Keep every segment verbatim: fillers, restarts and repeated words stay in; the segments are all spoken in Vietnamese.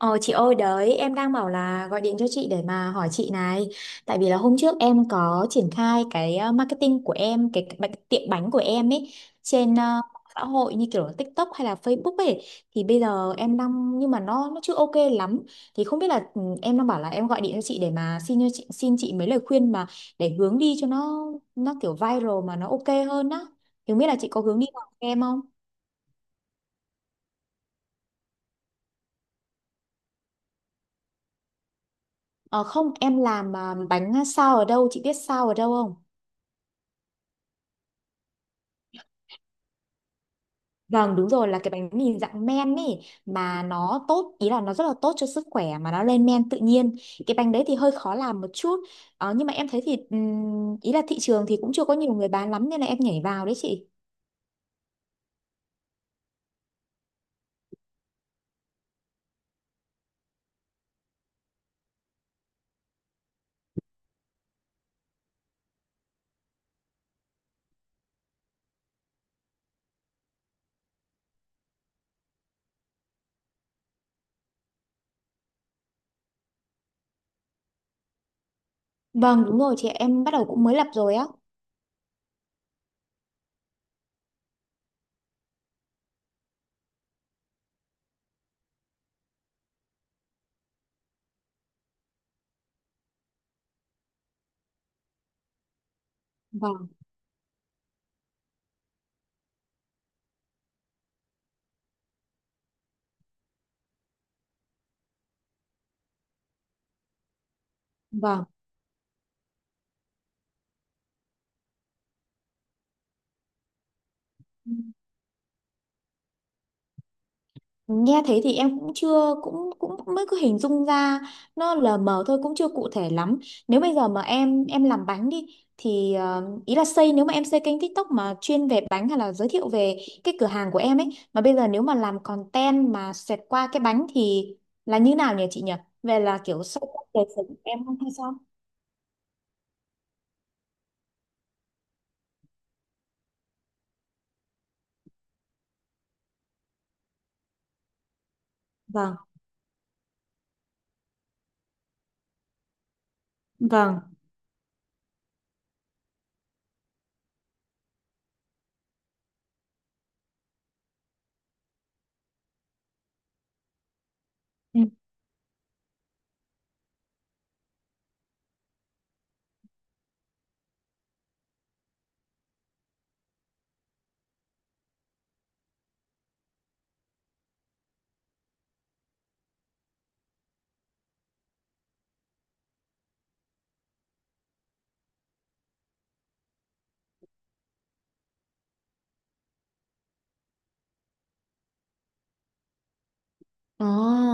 Ờ chị ơi, đấy em đang bảo là gọi điện cho chị để mà hỏi chị này. Tại vì là hôm trước em có triển khai cái ờ, marketing của em, Cái cái bánh- tiệm bánh của em ấy. Trên ờ, mạng xã hội như kiểu là TikTok hay là Facebook ấy. Thì bây giờ em đang, nhưng mà nó nó chưa ok lắm. Thì không biết là ừ, em đang bảo là em gọi điện cho chị để mà xin cho chị, xin chị mấy lời khuyên mà, để hướng đi cho nó nó kiểu viral mà nó ok hơn á. Thì không biết là chị có hướng đi nào cho em không? Ờ Không, em làm ờ, bánh sao ở đâu, chị biết sao ở đâu không? Vâng đúng rồi, là cái bánh mì dạng men ấy, mà nó tốt, ý là nó rất là tốt cho sức khỏe, mà nó lên men tự nhiên. Cái bánh đấy thì hơi khó làm một chút, ờ, nhưng mà em thấy thì ừm, ý là thị trường thì cũng chưa có nhiều người bán lắm nên là em nhảy vào đấy chị. Vâng đúng rồi chị, em bắt đầu cũng mới lập rồi á. Vâng, vâng. Nghe thế thì em cũng chưa, cũng cũng cũng mới cứ hình dung ra, nó lờ mờ thôi, cũng chưa cụ thể lắm. Nếu bây giờ mà em em làm bánh đi, thì ờ, ý là xây nếu mà em xây kênh TikTok mà chuyên về bánh, hay là giới thiệu về cái cửa hàng của em ấy, mà bây giờ nếu mà làm content mà xẹt qua cái bánh thì là như nào nhỉ chị nhỉ? Về là kiểu sâu sắc đời sống của em không hay sao? Vâng, vâng. Ồ,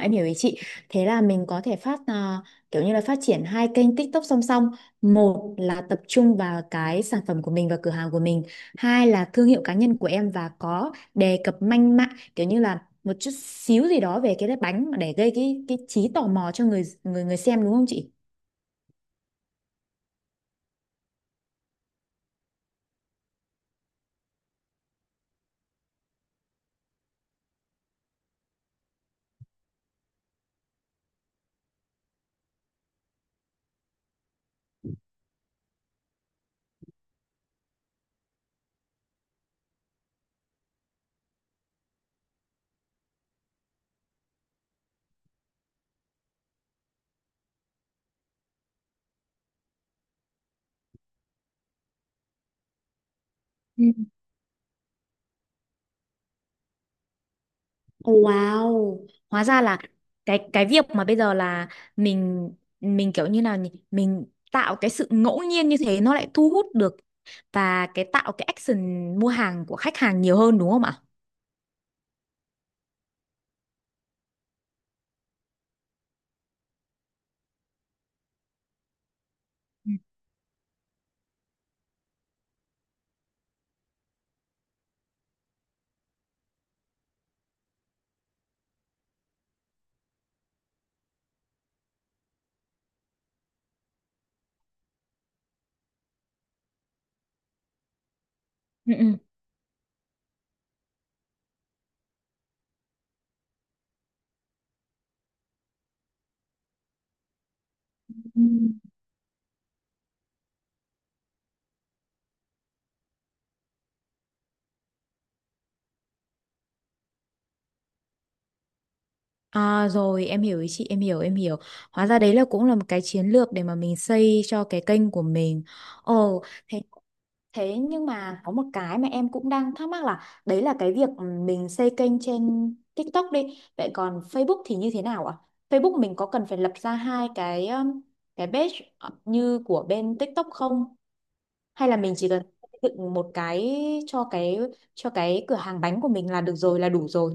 em hiểu ý chị. Thế là mình có thể phát à, kiểu như là phát triển hai kênh TikTok song song. Một là tập trung vào cái sản phẩm của mình và cửa hàng của mình. Hai là thương hiệu cá nhân của em, và có đề cập manh mạng kiểu như là một chút xíu gì đó về cái bánh để gây cái cái trí tò mò cho người người người xem, đúng không chị? Wow, hóa ra là cái cái việc mà bây giờ là mình mình kiểu như nào nhỉ? Mình tạo cái sự ngẫu nhiên như thế nó lại thu hút được, và cái tạo cái action mua hàng của khách hàng nhiều hơn đúng không ạ? Ừ. Ừ. Ừ. Ừ. À, rồi em hiểu ý chị, em hiểu, em hiểu. Hóa ra đấy là cũng là một cái chiến lược để mà mình xây cho cái kênh của mình. Ồ. thế Thế nhưng mà có một cái mà em cũng đang thắc mắc, là đấy là cái việc mình xây kênh trên TikTok đi, vậy còn Facebook thì như thế nào ạ? Facebook mình có cần phải lập ra hai cái um, cái page như của bên TikTok không? Hay là mình chỉ cần xây dựng một cái cho cái, cho cái cửa hàng bánh của mình là được rồi, là đủ rồi?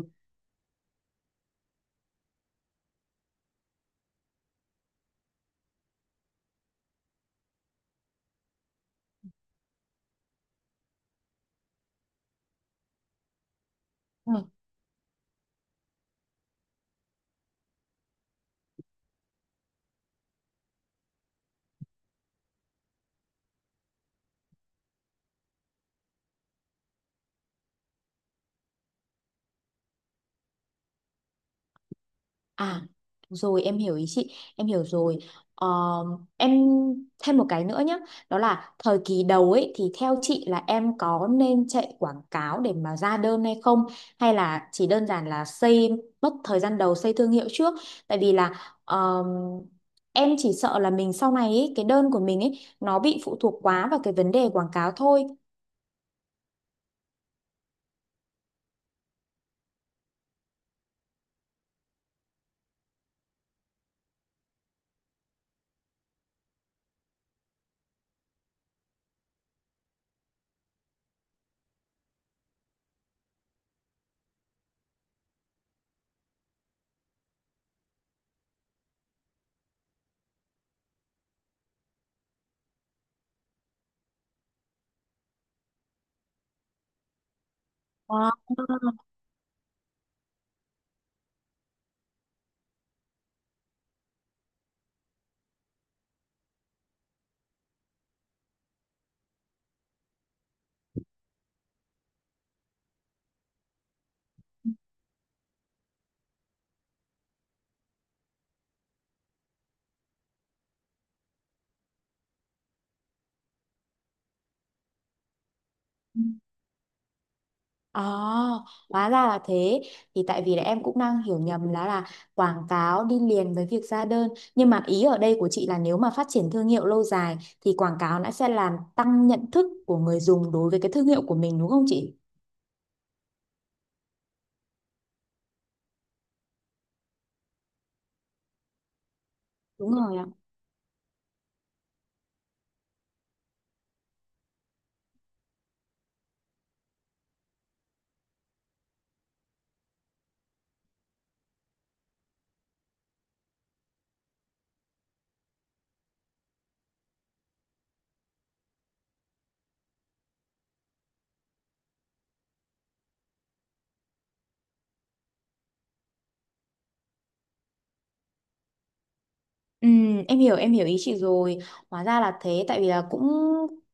À, rồi em hiểu ý chị, em hiểu rồi. Ờ, em thêm một cái nữa nhé, đó là thời kỳ đầu ấy thì theo chị là em có nên chạy quảng cáo để mà ra đơn hay không, hay là chỉ đơn giản là xây, mất thời gian đầu xây thương hiệu trước, tại vì là ờm, em chỉ sợ là mình sau này ấy, cái đơn của mình ấy nó bị phụ thuộc quá vào cái vấn đề quảng cáo thôi. Ờ. À, hóa ra là thế. Thì tại vì là em cũng đang hiểu nhầm là là quảng cáo đi liền với việc ra đơn. Nhưng mà ý ở đây của chị là nếu mà phát triển thương hiệu lâu dài thì quảng cáo nó sẽ làm tăng nhận thức của người dùng đối với cái thương hiệu của mình đúng không chị? Đúng rồi ạ. Ừ, em hiểu, em hiểu ý chị rồi. Hóa ra là thế, tại vì là cũng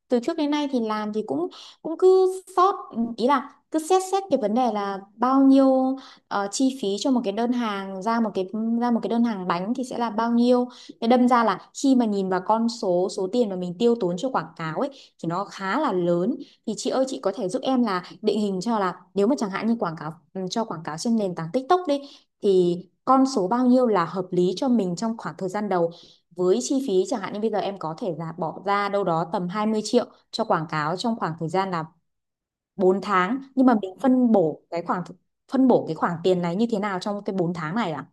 từ trước đến nay thì làm thì cũng cũng cứ sót, ý là cứ xét xét cái vấn đề là bao nhiêu ờ, chi phí cho một cái đơn hàng, ra một cái, ra một cái đơn hàng bánh thì sẽ là bao nhiêu. Thế đâm ra là khi mà nhìn vào con số, số tiền mà mình tiêu tốn cho quảng cáo ấy thì nó khá là lớn. Thì chị ơi, chị có thể giúp em là định hình cho là nếu mà chẳng hạn như quảng cáo, ừ, cho quảng cáo trên nền tảng TikTok đi, thì con số bao nhiêu là hợp lý cho mình trong khoảng thời gian đầu, với chi phí chẳng hạn như bây giờ em có thể là bỏ ra đâu đó tầm hai mươi triệu cho quảng cáo trong khoảng thời gian là bốn tháng, nhưng mà mình phân bổ cái khoảng phân bổ cái khoản tiền này như thế nào trong cái bốn tháng này ạ?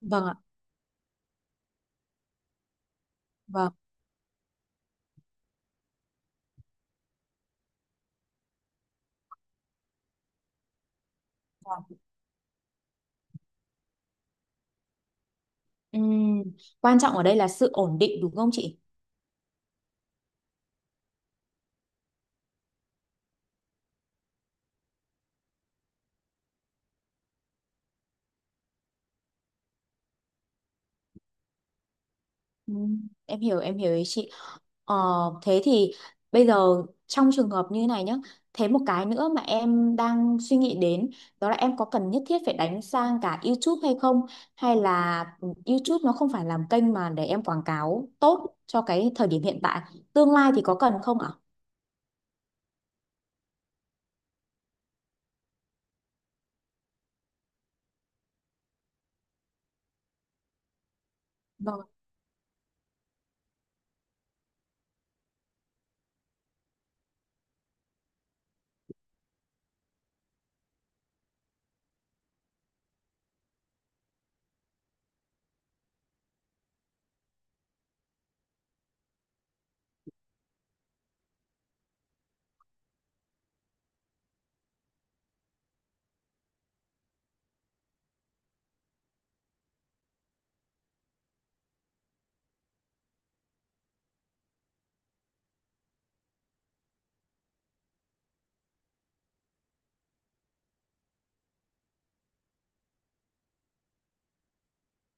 Vâng ạ. Vâng. Ừm, quan trọng ở đây là sự ổn định đúng không chị? Ừ, em hiểu, em hiểu ý chị. ờ, thế thì bây giờ trong trường hợp như này nhá, thế một cái nữa mà em đang suy nghĩ đến, đó là em có cần nhất thiết phải đánh sang cả YouTube hay không, hay là ừ, YouTube nó không phải làm kênh mà để em quảng cáo tốt cho cái thời điểm hiện tại, tương lai thì có cần không ạ?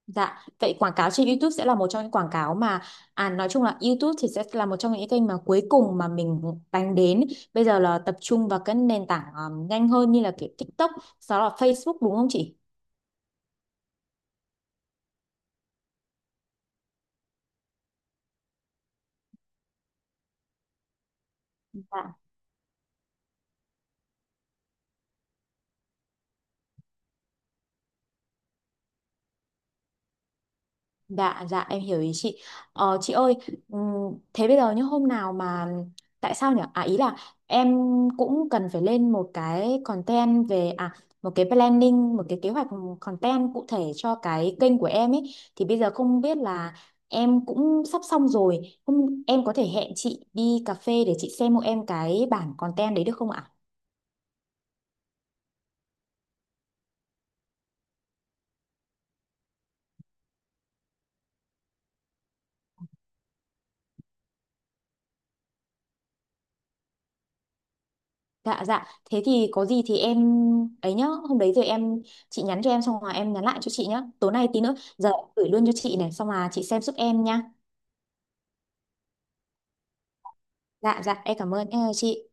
Dạ, vậy quảng cáo trên YouTube sẽ là một trong những quảng cáo mà, à nói chung là YouTube thì sẽ là một trong những kênh mà cuối cùng mà mình đánh đến. Bây giờ là tập trung vào các nền tảng ờ, nhanh hơn như là kiểu TikTok, sau đó là Facebook, đúng không chị? Dạ. Dạ, dạ em hiểu ý chị. Ờ, chị ơi, ừm, thế bây giờ như hôm nào mà, tại sao nhỉ? À ý là em cũng cần phải lên một cái content về à một cái planning, một cái kế hoạch content cụ thể cho cái kênh của em ấy. Thì bây giờ không biết là em cũng sắp xong rồi, không em có thể hẹn chị đi cà phê để chị xem hộ em cái bản content đấy được không ạ? Dạ dạ, thế thì có gì thì em ấy nhá, hôm đấy rồi em, chị nhắn cho em xong rồi em nhắn lại cho chị nhá. Tối nay tí nữa giờ em gửi luôn cho chị này, xong là chị xem giúp em nhá. Dạ dạ, em cảm ơn, em chào chị.